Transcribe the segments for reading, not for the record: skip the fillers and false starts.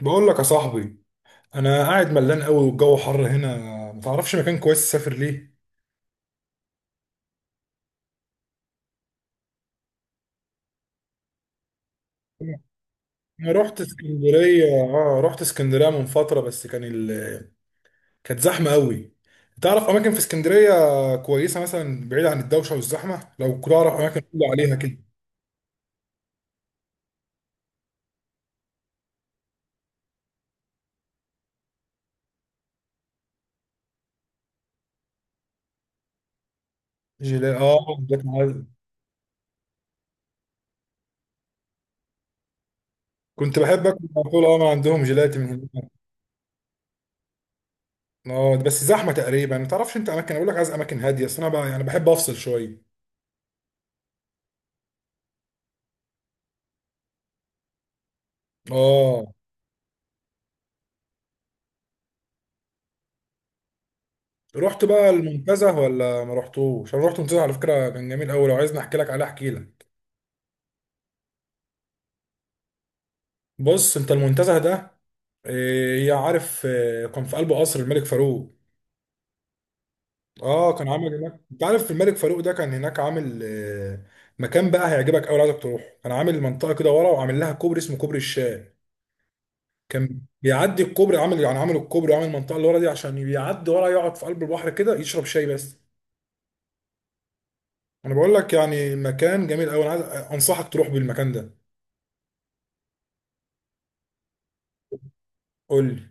بقول لك يا صاحبي، انا قاعد ملان قوي والجو حر هنا. ما تعرفش مكان كويس اسافر ليه؟ انا رحت اسكندريه اه رحت اسكندريه من فتره، بس كان كانت زحمه قوي. تعرف اماكن في اسكندريه كويسه؟ مثلا بعيد عن الدوشه والزحمه، لو كنت اعرف اماكن تقول لي عليها كده. جيلاتي، اه، جيلاتي معز. كنت بحب اكل على طول. اه، ما عندهم جيلاتي من هناك. اه، بس زحمه تقريبا. ما تعرفش انت اماكن اقول لك؟ عايز اماكن هاديه، اصل انا بقى يعني بحب افصل شويه. اه، رحت بقى المنتزه ولا ما رحتوش؟ انا رحت المنتزه، على فكره كان جميل قوي. لو عايزني احكي لك عليه احكي لك. بص انت المنتزه ده، إيه، يا عارف إيه، كان في قلب قصر الملك فاروق. اه، كان عامل هناك، انت عارف، الملك فاروق ده كان هناك عامل مكان بقى هيعجبك قوي، عايزك تروح. كان عامل منطقه كده ورا وعامل لها كوبري اسمه كوبري الشاي. كان بيعدي الكوبري، عامل الكوبري وعامل المنطقه اللي ورا دي عشان بيعدي ورا يقعد في قلب البحر كده يشرب شاي بس. انا بقول لك يعني مكان جميل قوي. انا عايز انصحك تروح بالمكان ده. قول لي.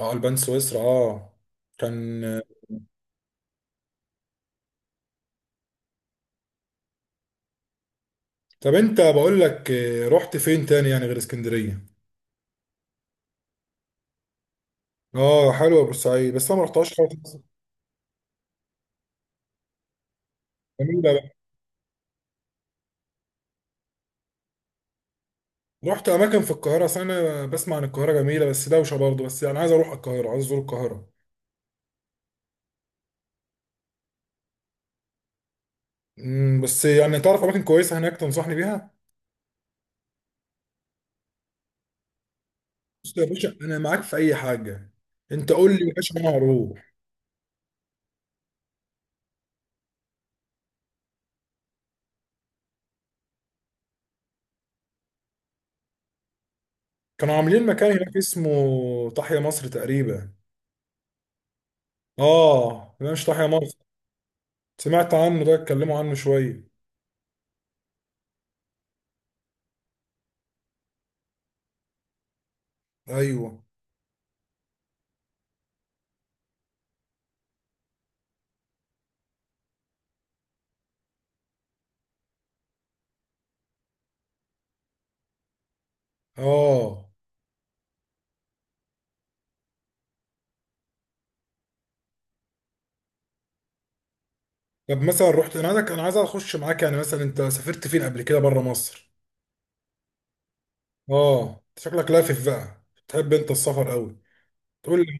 اه، البان سويسرا، اه. كان. طب انت بقول لك رحت فين تاني يعني غير اسكندريه؟ اه، حلوه بورسعيد، بس انا ما رحتهاش خالص. جميله بقى. رحت اماكن في القاهره؟ أصل انا بسمع عن القاهره جميله بس دوشه برضه، بس يعني عايز اروح القاهره، عايز ازور القاهره. بس يعني تعرف اماكن كويسه هناك تنصحني بيها؟ بص يا باشا، انا معاك في اي حاجه. انت قول لي يا باشا، انا هروح. كانوا عاملين مكان هناك اسمه تحيا مصر تقريبا. اه لا، مش تحيا مصر. سمعت عنه، ده اتكلموا عنه شويه. ايوه، اه. طب مثلا رحت، انا عايز اخش معاك، يعني مثلا انت سافرت فين قبل كده بره مصر؟ اه، شكلك لافف بقى. تحب انت السفر قوي. تقول لي؟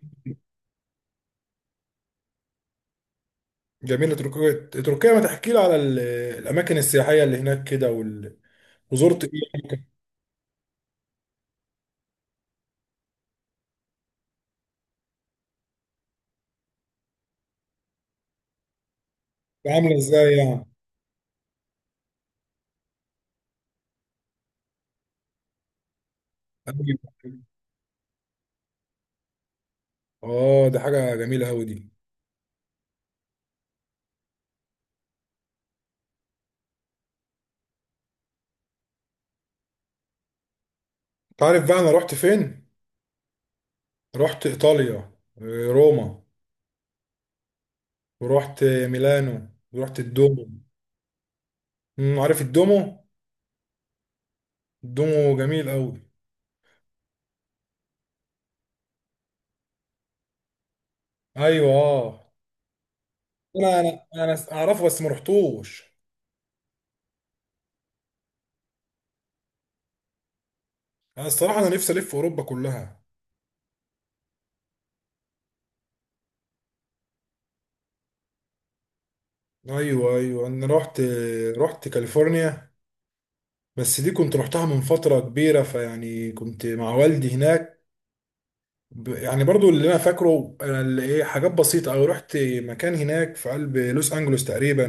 جميل تركيا، ما تحكي لي على الاماكن السياحيه اللي هناك كده وزرت ايه يعني، كانت عامله ازاي يعني؟ أيوة. اه، دي حاجه جميله قوي دي. انت عارف بقى انا رحت فين؟ رحت ايطاليا. روما. ورحت ميلانو ورحت الدومو. عارف الدومو؟ الدومو جميل قوي. ايوه، آه. انا اعرفه بس ما رحتوش. انا الصراحه، انا نفسي الف اوروبا كلها. ايوه، ايوه، انا رحت كاليفورنيا. بس دي كنت رحتها من فتره كبيره، فيعني كنت مع والدي هناك. يعني برضو اللي انا فاكره، انا اللي حاجات بسيطه، او رحت مكان هناك في قلب لوس انجلوس تقريبا.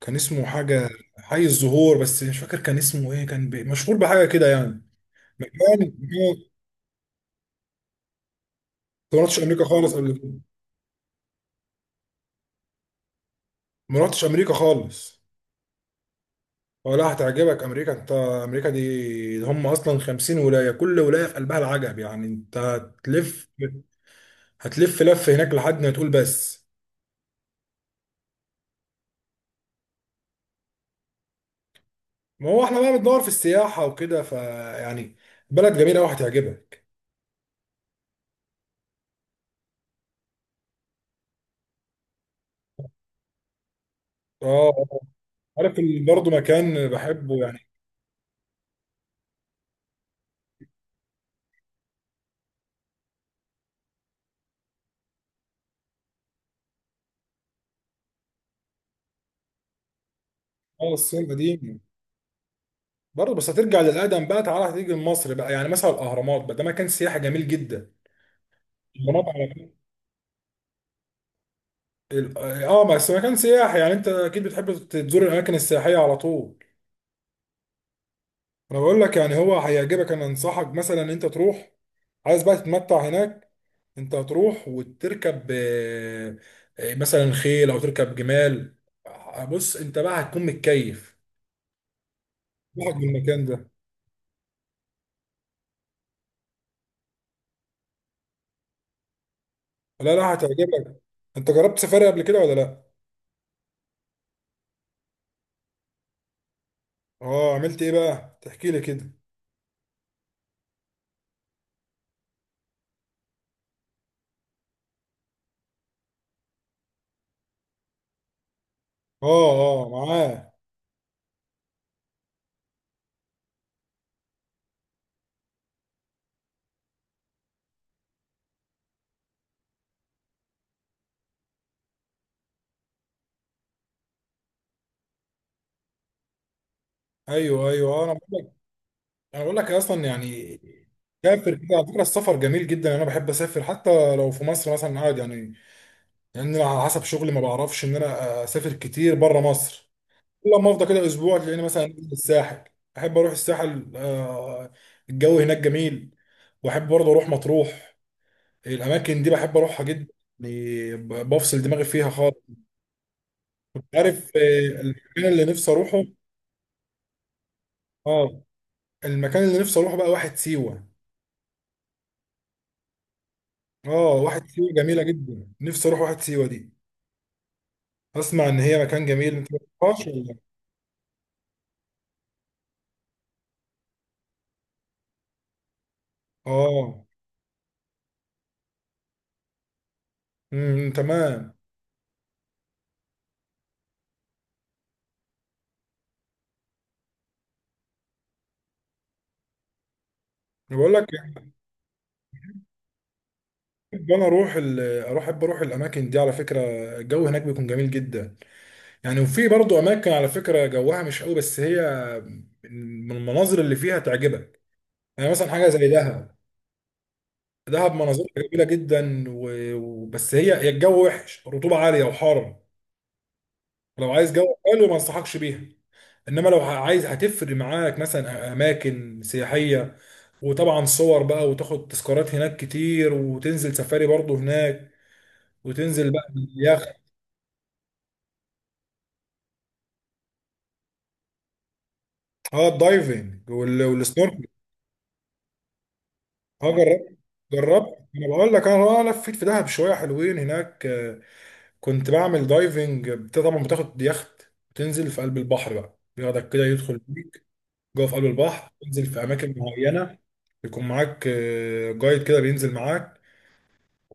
كان اسمه حاجه حي الزهور، بس مش فاكر كان اسمه ايه. كان مشهور بحاجه كده يعني. مكان مكان- ما رحتش امريكا خالص قبل كده. ما رحتش امريكا خالص. اه لا، هتعجبك امريكا. انت امريكا دي ده هم اصلا 50 ولايه، كل ولايه في قلبها العجب، يعني انت هتلف. هتلف لف هناك لحد ما تقول بس. ما هو احنا بقى بندور في السياحه وكده، فيعني بلد جميله قوي هتعجبك. اه، آه. عارف برضه مكان بحبه يعني. اه، الصين القديم برضه. بس هترجع للادم بقى، تعالى هتيجي لمصر بقى، يعني مثلا الاهرامات بقى، ده مكان سياحي جميل جدا. الاهرامات على اه، بس مكان سياحي، يعني انت اكيد بتحب تزور الاماكن السياحيه على طول. انا بقول لك يعني هو هيعجبك. انا انصحك مثلا انت تروح. عايز بقى تتمتع هناك. انت هتروح وتركب، مثلا خيل او تركب جمال. بص انت بقى هتكون متكيف روحك بالمكان ده. لا، لا، هتعجبك. انت جربت سفاري قبل كده ولا لا؟ اه، عملت ايه بقى تحكي لي كده. اه، اه، معاه. ايوه، ايوه، آه، انا بقول لك اصلا يعني. سافر كده على فكره، السفر جميل جدا. انا بحب اسافر حتى لو في مصر مثلا قاعد يعني. لان انا على حسب شغلي ما بعرفش ان انا اسافر كتير بره مصر. الا لما افضى كده اسبوع تلاقيني مثلا نازل الساحل. احب اروح الساحل. الجو هناك جميل. واحب برضه اروح مطروح. الاماكن دي بحب اروحها جدا. يعني بفصل دماغي فيها خالص. كنت عارف المكان اللي نفسي اروحه. اه، المكان اللي نفسي اروحه بقى واحد سيوه. اه، واحد سيوه جميله جدا، نفسي اروح واحد سيوه دي. اسمع ان هي مكان جميل، انت ما بتروحهاش ولا؟ اه. تمام. أنا بقول لك. بحب انا اروح ال- اروح احب اروح الاماكن دي على فكره. الجو هناك بيكون جميل جدا. يعني وفي برضو اماكن على فكره جوها مش قوي، بس هي من المناظر اللي فيها تعجبك. يعني مثلا حاجه زي دهب. دهب مناظرها جميله جدا وبس، هي الجو وحش، رطوبه عاليه وحر. لو عايز جو حلو ما انصحكش بيها. انما لو عايز هتفرق معاك، مثلا اماكن سياحيه، وطبعا صور بقى وتاخد تذكارات هناك كتير، وتنزل سفاري برضو هناك، وتنزل بقى باليخت. اه، الدايفنج والسنوركل. اه، جربت. انا بقول لك، انا لفيت في دهب شويه حلوين هناك. كنت بعمل دايفنج، طبعا بتاخد يخت وتنزل في قلب البحر بقى، بياخدك كده يدخل بيك جوه في قلب البحر، تنزل في اماكن معينه. يكون معاك جايد كده بينزل معاك.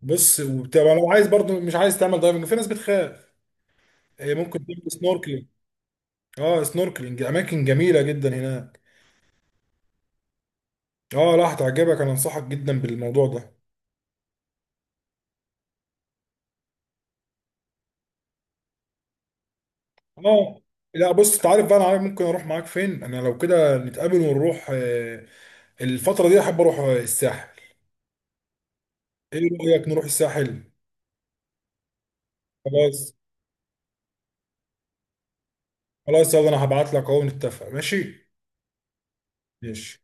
بص، وبتبقى لو عايز برضو مش عايز تعمل دايفنج، في ناس بتخاف، ممكن تعمل سنوركلينج. اه، سنوركلينج اماكن جميله جدا هناك. اه لا، هتعجبك، انا انصحك جدا بالموضوع ده. اه لا، بص انت عارف بقى، انا عارف ممكن اروح معاك فين. انا لو كده نتقابل ونروح. الفتره دي احب اروح الساحل. ايه رايك نروح الساحل؟ خلاص. خلاص يلا، انا هبعت لك اهو، نتفق ماشي. ماشي.